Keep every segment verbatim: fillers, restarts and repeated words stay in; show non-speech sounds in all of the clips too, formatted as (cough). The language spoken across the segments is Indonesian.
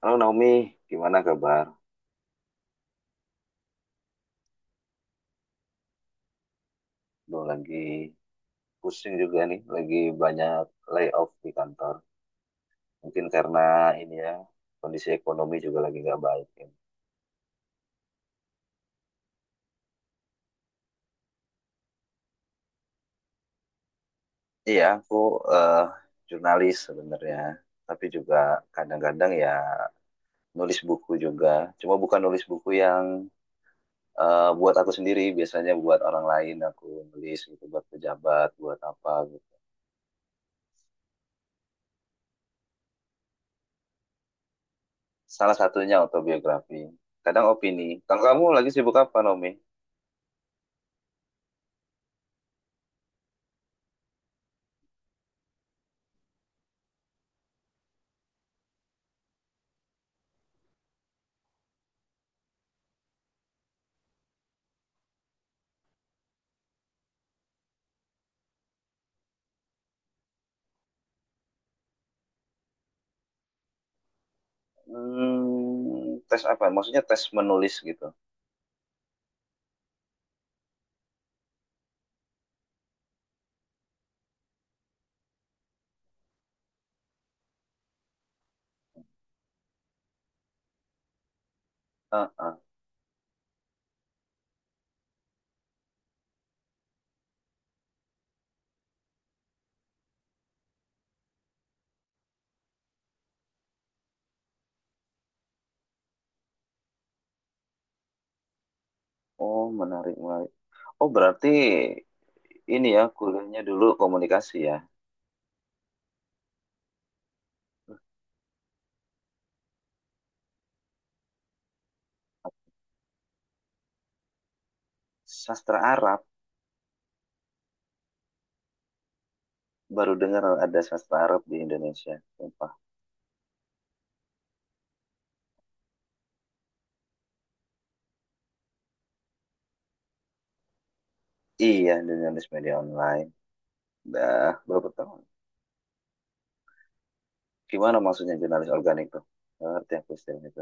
Halo Naomi, gimana kabar? Lo lagi pusing juga nih, lagi banyak layoff di kantor. Mungkin karena ini ya, kondisi ekonomi juga lagi nggak baik, ya. Iya, aku eh, jurnalis sebenarnya, tapi juga kadang-kadang ya nulis buku juga. Cuma bukan nulis buku yang eh, buat aku sendiri, biasanya buat orang lain aku nulis gitu, buat pejabat, buat apa gitu. Salah satunya autobiografi. Kadang opini. Kalau kamu lagi sibuk apa, Naomi? Hmm, tes apa? Maksudnya tes menulis gitu. Ah, ah. Oh, menarik, menarik. Oh, berarti ini ya, kuliahnya dulu komunikasi ya. Sastra Arab, baru dengar ada sastra Arab di Indonesia. Sumpah. Iya, jurnalis media online. Dah berapa tahun? Gimana maksudnya jurnalis organik tuh? Nggak ngerti aku istilah itu.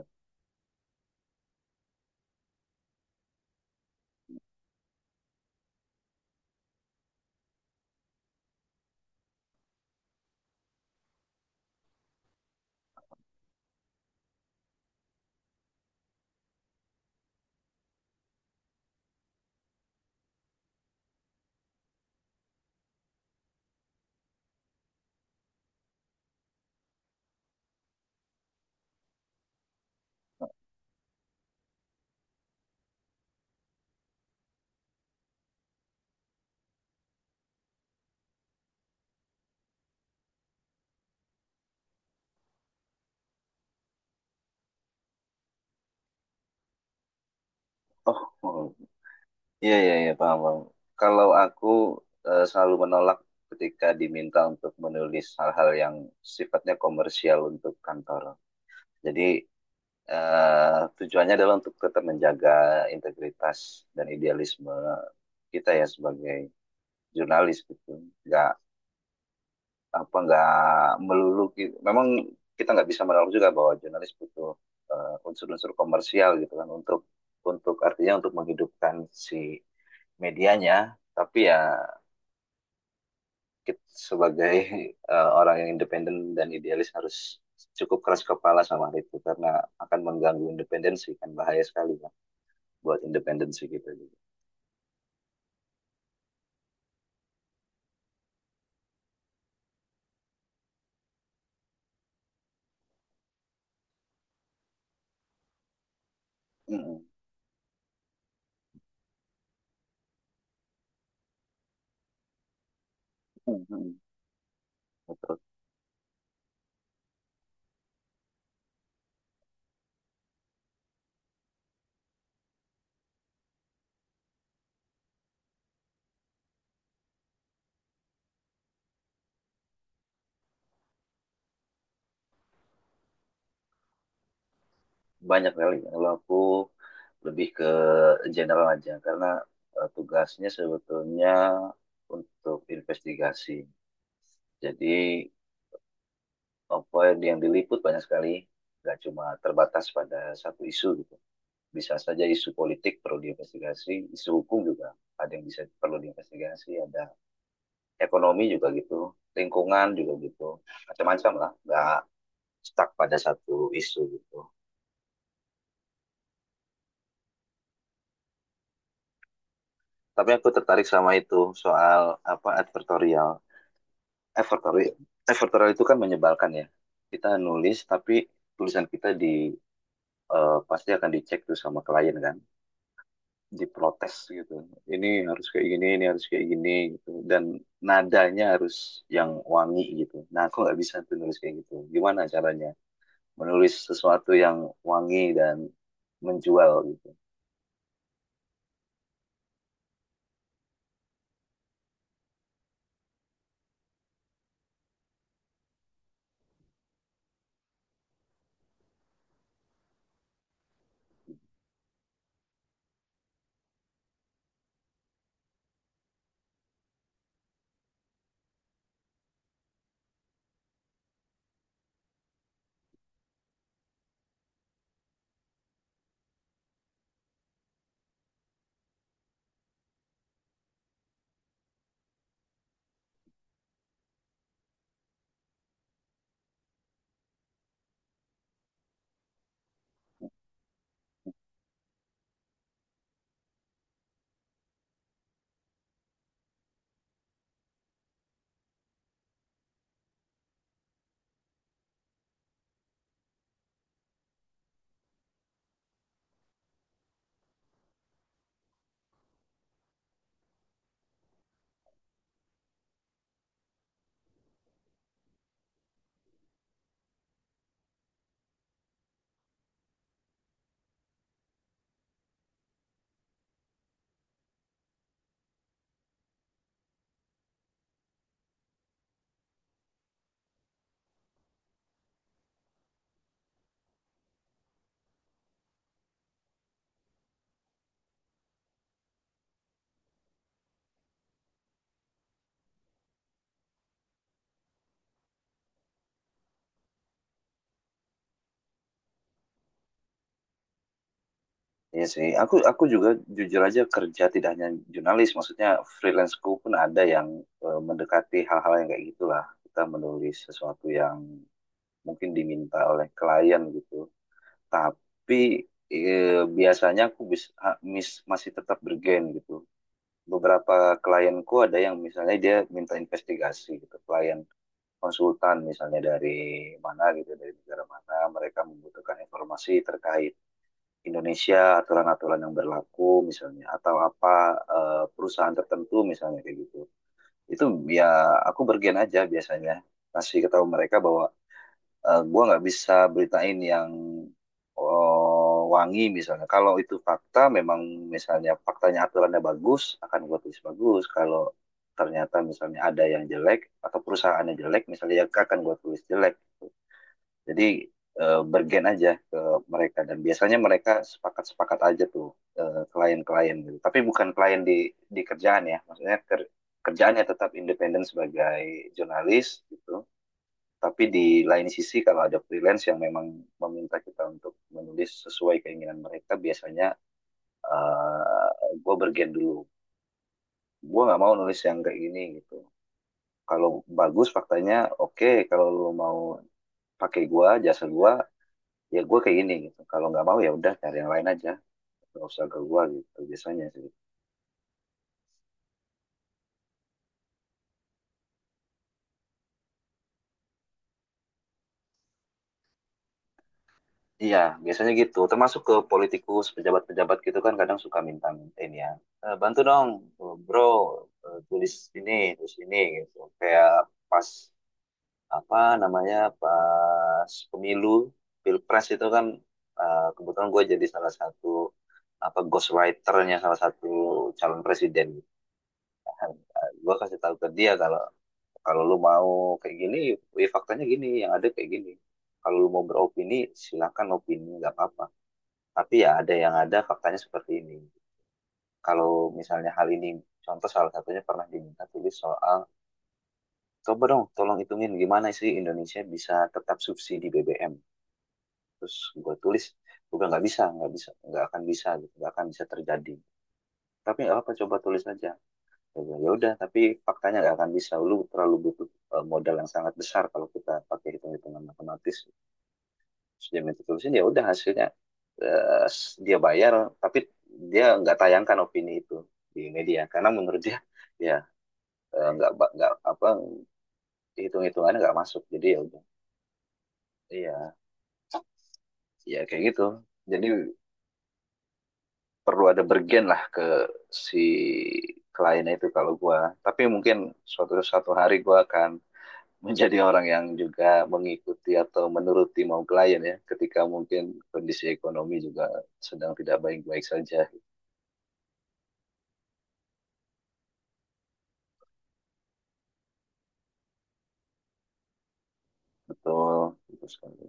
Oh, oh. Iya, iya, iya, paham, paham. Kalau aku eh, selalu menolak ketika diminta untuk menulis hal-hal yang sifatnya komersial untuk kantor. Jadi, eh, tujuannya adalah untuk tetap menjaga integritas dan idealisme kita ya sebagai jurnalis gitu. Nggak, apa, nggak melulu gitu. Memang kita nggak bisa menolak juga bahwa jurnalis butuh eh, unsur-unsur komersial gitu kan untuk untuk artinya untuk menghidupkan si medianya, tapi ya kita sebagai eh, orang yang independen dan idealis harus cukup keras kepala sama hal itu, karena akan mengganggu independensi kan, bahaya sekali kan buat independensi kita juga. Mm-mm. Mm-mm. Betul. Banyak kali. Kalau aku lebih ke general aja, karena eh, tugasnya sebetulnya untuk investigasi. Jadi apa yang diliput banyak sekali, nggak cuma terbatas pada satu isu gitu. Bisa saja isu politik perlu diinvestigasi, isu hukum juga ada yang bisa perlu diinvestigasi, ada ekonomi juga gitu, lingkungan juga gitu, macam-macam lah, nggak stuck pada satu isu gitu. Tapi aku tertarik sama itu soal apa, advertorial. Advertorial, advertorial itu kan menyebalkan ya. Kita nulis tapi tulisan kita di eh, pasti akan dicek tuh sama klien kan, diprotes gitu. Ini harus kayak gini, ini harus kayak gini gitu. Dan nadanya harus yang wangi gitu. Nah, aku nggak bisa tuh nulis kayak gitu. Gimana caranya menulis sesuatu yang wangi dan menjual gitu? Iya sih, aku aku juga jujur aja kerja tidak hanya jurnalis, maksudnya freelanceku pun ada yang eh, mendekati hal-hal yang kayak gitulah. Kita menulis sesuatu yang mungkin diminta oleh klien gitu, tapi eh, biasanya aku bis- ha- mis- masih tetap bergen gitu. Beberapa klienku ada yang misalnya dia minta investigasi gitu, klien konsultan misalnya dari mana gitu, dari negara mana, mereka membutuhkan informasi terkait Indonesia, aturan-aturan yang berlaku misalnya, atau apa eh, perusahaan tertentu misalnya kayak gitu. Itu ya aku bergen aja biasanya, kasih tahu mereka bahwa eh, gua nggak bisa beritain yang oh, wangi misalnya. Kalau itu fakta, memang misalnya faktanya aturannya bagus, akan gue tulis bagus. Kalau ternyata misalnya ada yang jelek atau perusahaannya jelek, misalnya ya akan gue tulis jelek. Jadi eh, bergen aja ke mereka dan biasanya mereka sepakat-sepakat aja tuh eh, klien-klien gitu. Tapi bukan klien di di kerjaan ya, maksudnya ker- kerjaannya tetap independen sebagai jurnalis gitu, tapi di lain sisi kalau ada freelance yang memang meminta kita untuk menulis sesuai keinginan mereka, biasanya uh, gue bergen dulu. Gue nggak mau nulis yang kayak gini gitu. Kalau bagus faktanya oke, kalau lo mau pakai gue, jasa gue, ya gue kayak gini gitu. Kalau nggak mau ya udah cari yang lain aja. Nggak usah ke gue gitu biasanya sih. Iya, biasanya gitu. Termasuk ke politikus, pejabat-pejabat gitu kan kadang suka minta-minta ini ya. "Eh, bantu dong, eh, bro, eh, tulis ini, tulis ini gitu." Kayak pas apa namanya, pas pemilu, pilpres itu kan eh, kebetulan gue jadi salah satu apa, ghostwriternya salah satu calon presiden. Gue kasih tahu ke dia kalau kalau lu mau kayak gini, wih, faktanya gini, yang ada kayak gini. Kalau lu mau beropini, silakan opini, nggak apa-apa, tapi ya ada yang ada faktanya seperti ini. Kalau misalnya hal ini, contoh salah satunya pernah diminta tulis soal, coba dong tolong hitungin gimana sih Indonesia bisa tetap subsidi B B M. Terus gue tulis, gue bilang, nggak bisa, nggak bisa, nggak akan bisa, gitu, nggak akan bisa terjadi. Tapi nggak apa, coba tulis aja. Gua bilang, ya udah, tapi faktanya nggak akan bisa. Lu terlalu butuh eh, modal yang sangat besar kalau kita pakai hitung-hitungan matematis. Sudah minta tulisan ya udah hasilnya eh, dia bayar tapi dia nggak tayangkan opini itu di media, karena menurut dia ya eh, nggak ba- nggak apa, hitung hitungannya nggak masuk, jadi ya udah. Iya, ya kayak gitu. Jadi perlu ada bergen lah ke si kliennya itu kalau gua, tapi mungkin suatu suatu hari gua akan (laughs) menjadi orang yang juga mengikuti atau menuruti mau klien ya, ketika mungkin kondisi ekonomi juga sedang tidak baik-baik saja. Betul, betul sekali.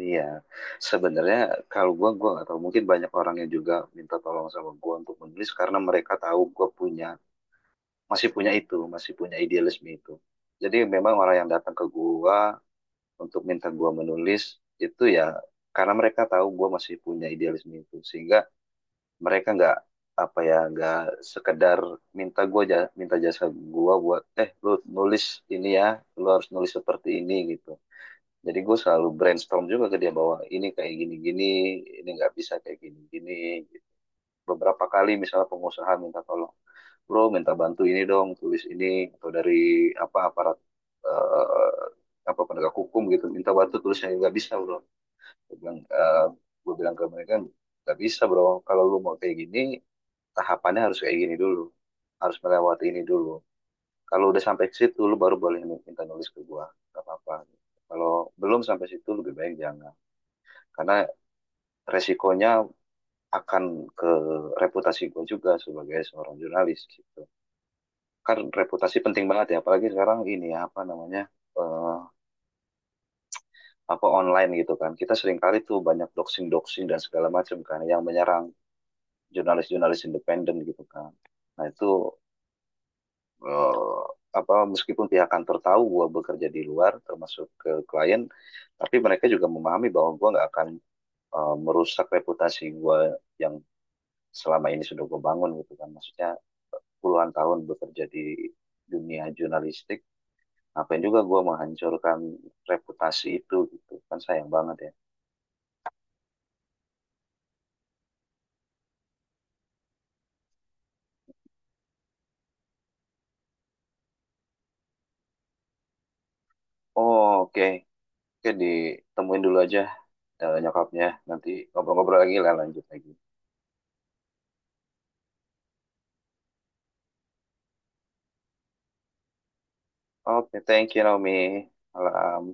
Iya, sebenarnya kalau gua gua nggak tahu. Mungkin banyak orang yang juga minta tolong sama gua untuk menulis karena mereka tahu gua punya, masih punya itu, masih punya idealisme itu. Jadi memang orang yang datang ke gua untuk minta gua menulis itu ya karena mereka tahu gua masih punya idealisme itu, sehingga mereka nggak apa ya, nggak sekedar minta gua ja- minta jasa gua buat, eh, lu nulis ini ya, lu harus nulis seperti ini gitu. Jadi gue selalu brainstorm juga ke dia bahwa ini kayak gini-gini, ini nggak bisa kayak gini-gini. Beberapa kali misalnya pengusaha minta tolong, bro minta bantu ini dong, tulis ini, atau dari apa aparat eh, apa penegak hukum gitu, minta bantu tulisnya nggak bisa bro. Gue bilang, eh, gue bilang ke mereka nggak bisa bro, kalau lu mau kayak gini tahapannya harus kayak gini dulu, harus melewati ini dulu. Kalau udah sampai ke situ, lu baru boleh minta nulis ke gua, nggak apa-apa. Kalau belum sampai situ, lebih baik jangan, karena resikonya akan ke reputasi gue juga sebagai seorang jurnalis gitu kan. Reputasi penting banget ya apalagi sekarang ini ya, apa namanya, eh, apa online gitu kan, kita sering kali tuh banyak doxing doxing dan segala macam kan yang menyerang jurnalis-jurnalis independen gitu kan. Nah itu eh, apa, meskipun pihak kantor tahu gue bekerja di luar termasuk ke klien, tapi mereka juga memahami bahwa gue nggak akan eh, merusak reputasi gue yang selama ini sudah gue bangun gitu kan, maksudnya puluhan tahun bekerja di dunia jurnalistik, ngapain juga gue menghancurkan reputasi itu gitu kan, sayang banget ya. Oh oke, oke, ditemuin dulu aja eh, nyokapnya, nanti ngobrol-ngobrol lagi lah, lanjut lagi. Oke, thank you Naomi, malam.